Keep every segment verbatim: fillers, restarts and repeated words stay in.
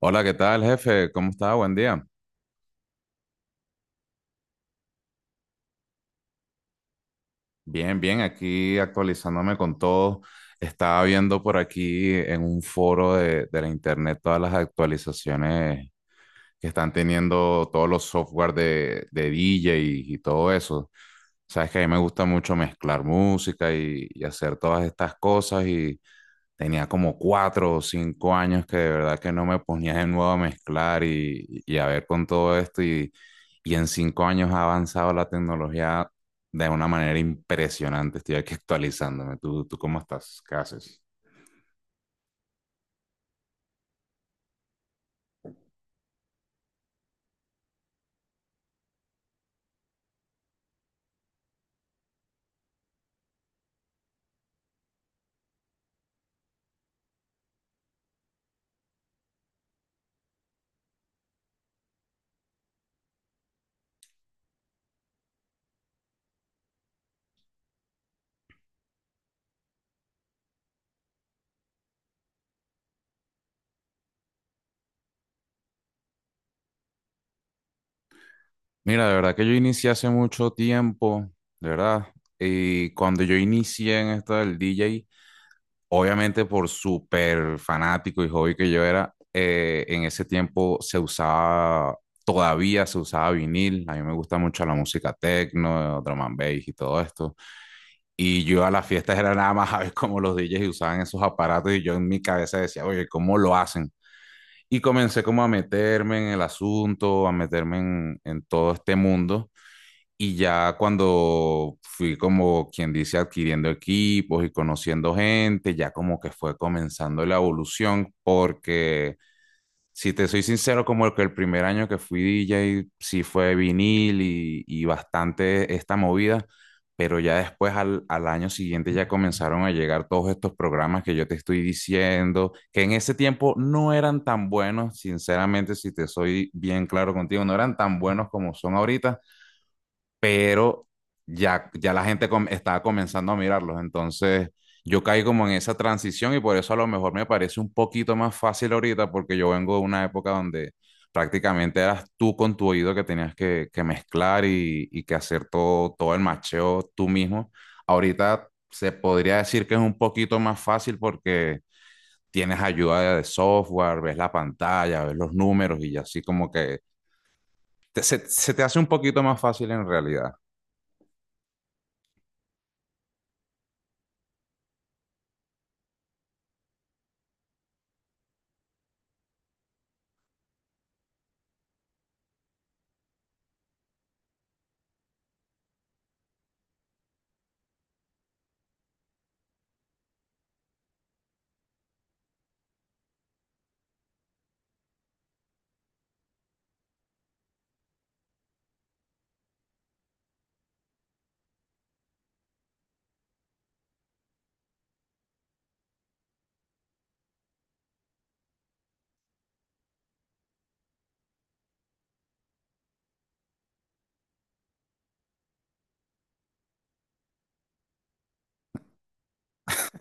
Hola, ¿qué tal, jefe? ¿Cómo está? Buen día. Bien, bien, aquí actualizándome con todo. Estaba viendo por aquí en un foro de, de la internet todas las actualizaciones que están teniendo todos los software de, de D J y, y todo eso. Sabes que a mí me gusta mucho mezclar música y, y hacer todas estas cosas y tenía como cuatro o cinco años que de verdad que no me ponía de nuevo a mezclar y, y a ver con todo esto y, y en cinco años ha avanzado la tecnología de una manera impresionante. Estoy aquí actualizándome. ¿Tú, tú cómo estás? ¿Qué haces? Mira, de verdad que yo inicié hace mucho tiempo, de verdad. Y cuando yo inicié en esto del D J, obviamente por súper fanático y hobby que yo era, eh, en ese tiempo se usaba, todavía se usaba vinil. A mí me gusta mucho la música techno, drum and bass y todo esto. Y yo a las fiestas era nada más a ver cómo los D Js usaban esos aparatos, y yo en mi cabeza decía, oye, ¿cómo lo hacen? Y comencé como a meterme en el asunto, a meterme en, en todo este mundo. Y ya cuando fui, como quien dice, adquiriendo equipos y conociendo gente, ya como que fue comenzando la evolución, porque si te soy sincero, como que el primer año que fui D J sí fue vinil y, y bastante esta movida, pero ya después al, al año siguiente ya comenzaron a llegar todos estos programas que yo te estoy diciendo, que en ese tiempo no eran tan buenos, sinceramente, si te soy bien claro contigo, no eran tan buenos como son ahorita, pero ya, ya la gente com- estaba comenzando a mirarlos. Entonces, yo caí como en esa transición y por eso a lo mejor me parece un poquito más fácil ahorita, porque yo vengo de una época donde prácticamente eras tú con tu oído, que tenías que, que mezclar y, y que hacer todo, todo el macheo tú mismo. Ahorita se podría decir que es un poquito más fácil porque tienes ayuda de software, ves la pantalla, ves los números y así como que te- se, se te hace un poquito más fácil en realidad.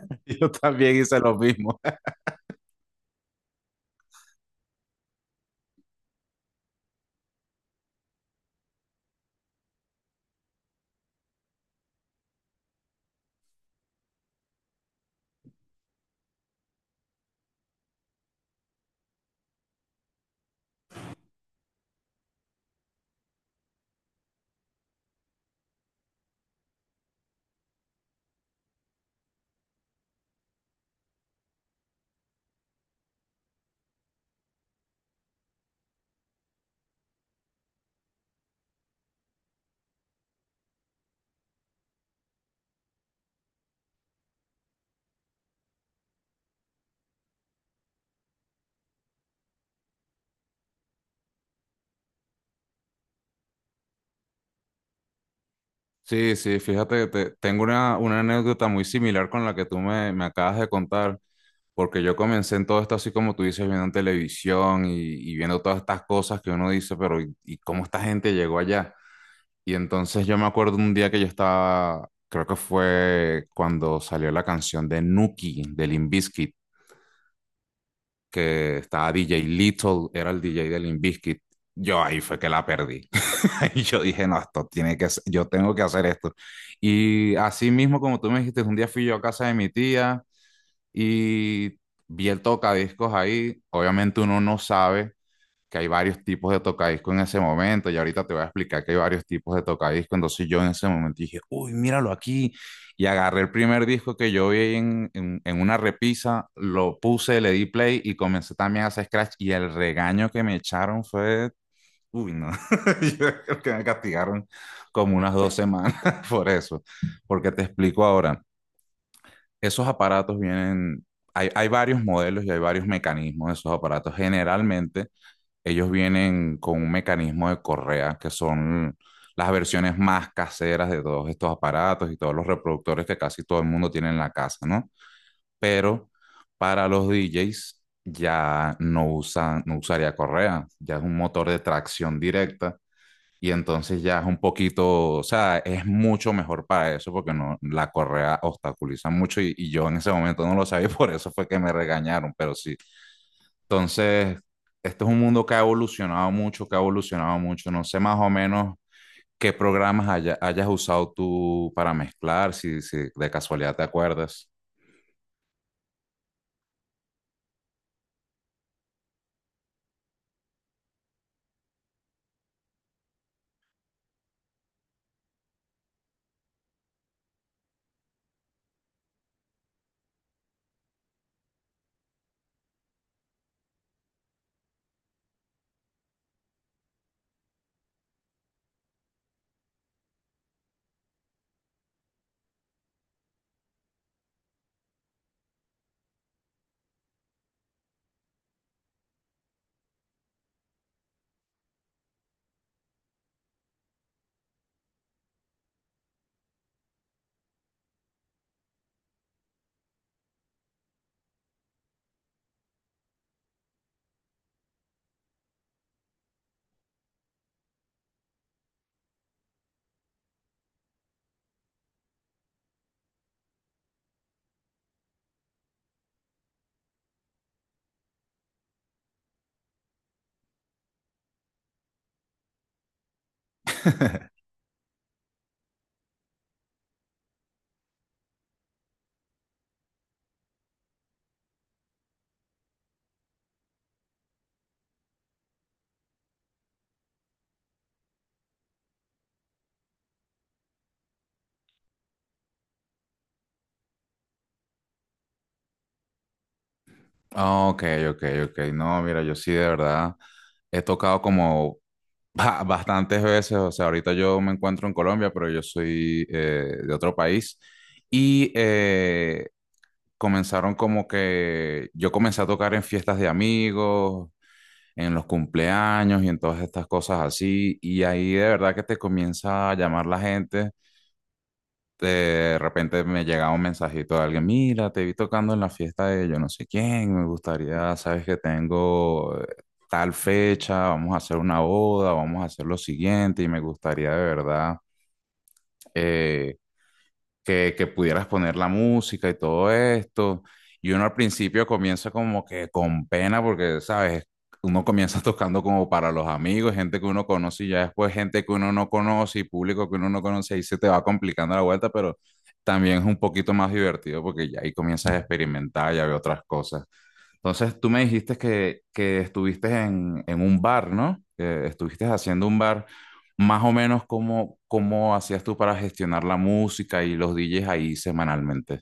Yo también hice lo mismo. Sí, sí, fíjate que te- tengo una, una anécdota muy similar con la que tú me, me acabas de contar, porque yo comencé en todo esto así como tú dices, viendo televisión y, y viendo todas estas cosas que uno dice, pero ¿y, y cómo esta gente llegó allá? Y entonces yo me acuerdo un día que yo estaba, creo que fue cuando salió la canción de Nuki, de Limp Bizkit, que estaba D J Little, era el D J de Limp Bizkit. Yo ahí fue que la perdí. Y yo dije, no, esto tiene que ser, yo tengo que hacer esto. Y así mismo, como tú me dijiste, un día fui yo a casa de mi tía y vi el tocadiscos ahí. Obviamente uno no sabe que hay varios tipos de tocadiscos en ese momento, y ahorita te voy a explicar que hay varios tipos de tocadiscos. Entonces yo en ese momento dije, uy, míralo aquí. Y agarré el primer disco que yo vi en, en, en una repisa, lo puse, le di play y comencé también a hacer scratch. Y el regaño que me echaron fue... Uy, no, yo creo que me castigaron como unas dos semanas por eso, porque te explico ahora, esos aparatos vienen, hay, hay varios modelos y hay varios mecanismos de esos aparatos. Generalmente ellos vienen con un mecanismo de correa, que son las versiones más caseras de todos estos aparatos y todos los reproductores que casi todo el mundo tiene en la casa, ¿no? Pero para los D Js ya no usan, no usaría correa, ya es un motor de tracción directa, y entonces ya es un poquito, o sea, es mucho mejor para eso porque no, la correa obstaculiza mucho, y, y yo en ese momento no lo sabía, y por eso fue que me regañaron, pero sí. Entonces, este es un mundo que ha evolucionado mucho, que ha evolucionado mucho. No sé más o menos qué programas haya- hayas usado tú para mezclar, si, si de casualidad te acuerdas. Ah, ok, ok, ok. No, mira, yo sí de verdad he tocado como... Ba- Bastantes veces. O sea, ahorita yo me encuentro en Colombia, pero yo soy eh, de otro país, y eh, comenzaron, como que yo comencé a tocar en fiestas de amigos, en los cumpleaños y en todas estas cosas así, y ahí de verdad que te comienza a llamar la gente. De repente me llegaba un mensajito de alguien, mira, te vi tocando en la fiesta de yo no sé quién, me gustaría, sabes que tengo eh, tal fecha, vamos a hacer una boda, vamos a hacer lo siguiente y me gustaría de verdad eh, que, que pudieras poner la música y todo esto. Y uno al principio comienza como que con pena porque, ¿sabes? Uno comienza tocando como para los amigos, gente que uno conoce, y ya después gente que uno no conoce y público que uno no conoce, ahí se te va complicando la vuelta, pero también es un poquito más divertido porque ya ahí comienzas a experimentar, ya ve otras cosas. Entonces tú me dijiste que, que estuviste en, en un bar, ¿no? Que estuviste haciendo un bar, más o menos cómo, cómo, hacías tú para gestionar la música y los D Js ahí semanalmente.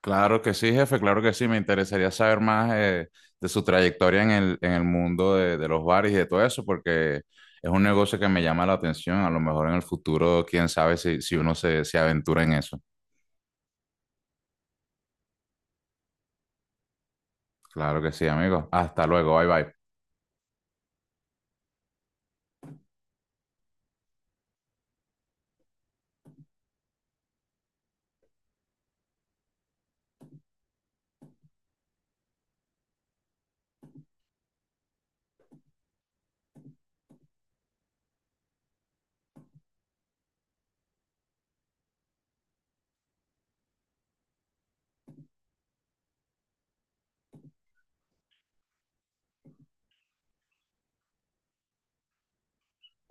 Claro que sí, jefe, claro que sí. Me interesaría saber más eh, de su trayectoria en el, en el mundo de, de los bares y de todo eso, porque es un negocio que me llama la atención. A lo mejor en el futuro, quién sabe si, si uno se, se aventura en eso. Claro que sí, amigo. Hasta luego, bye bye.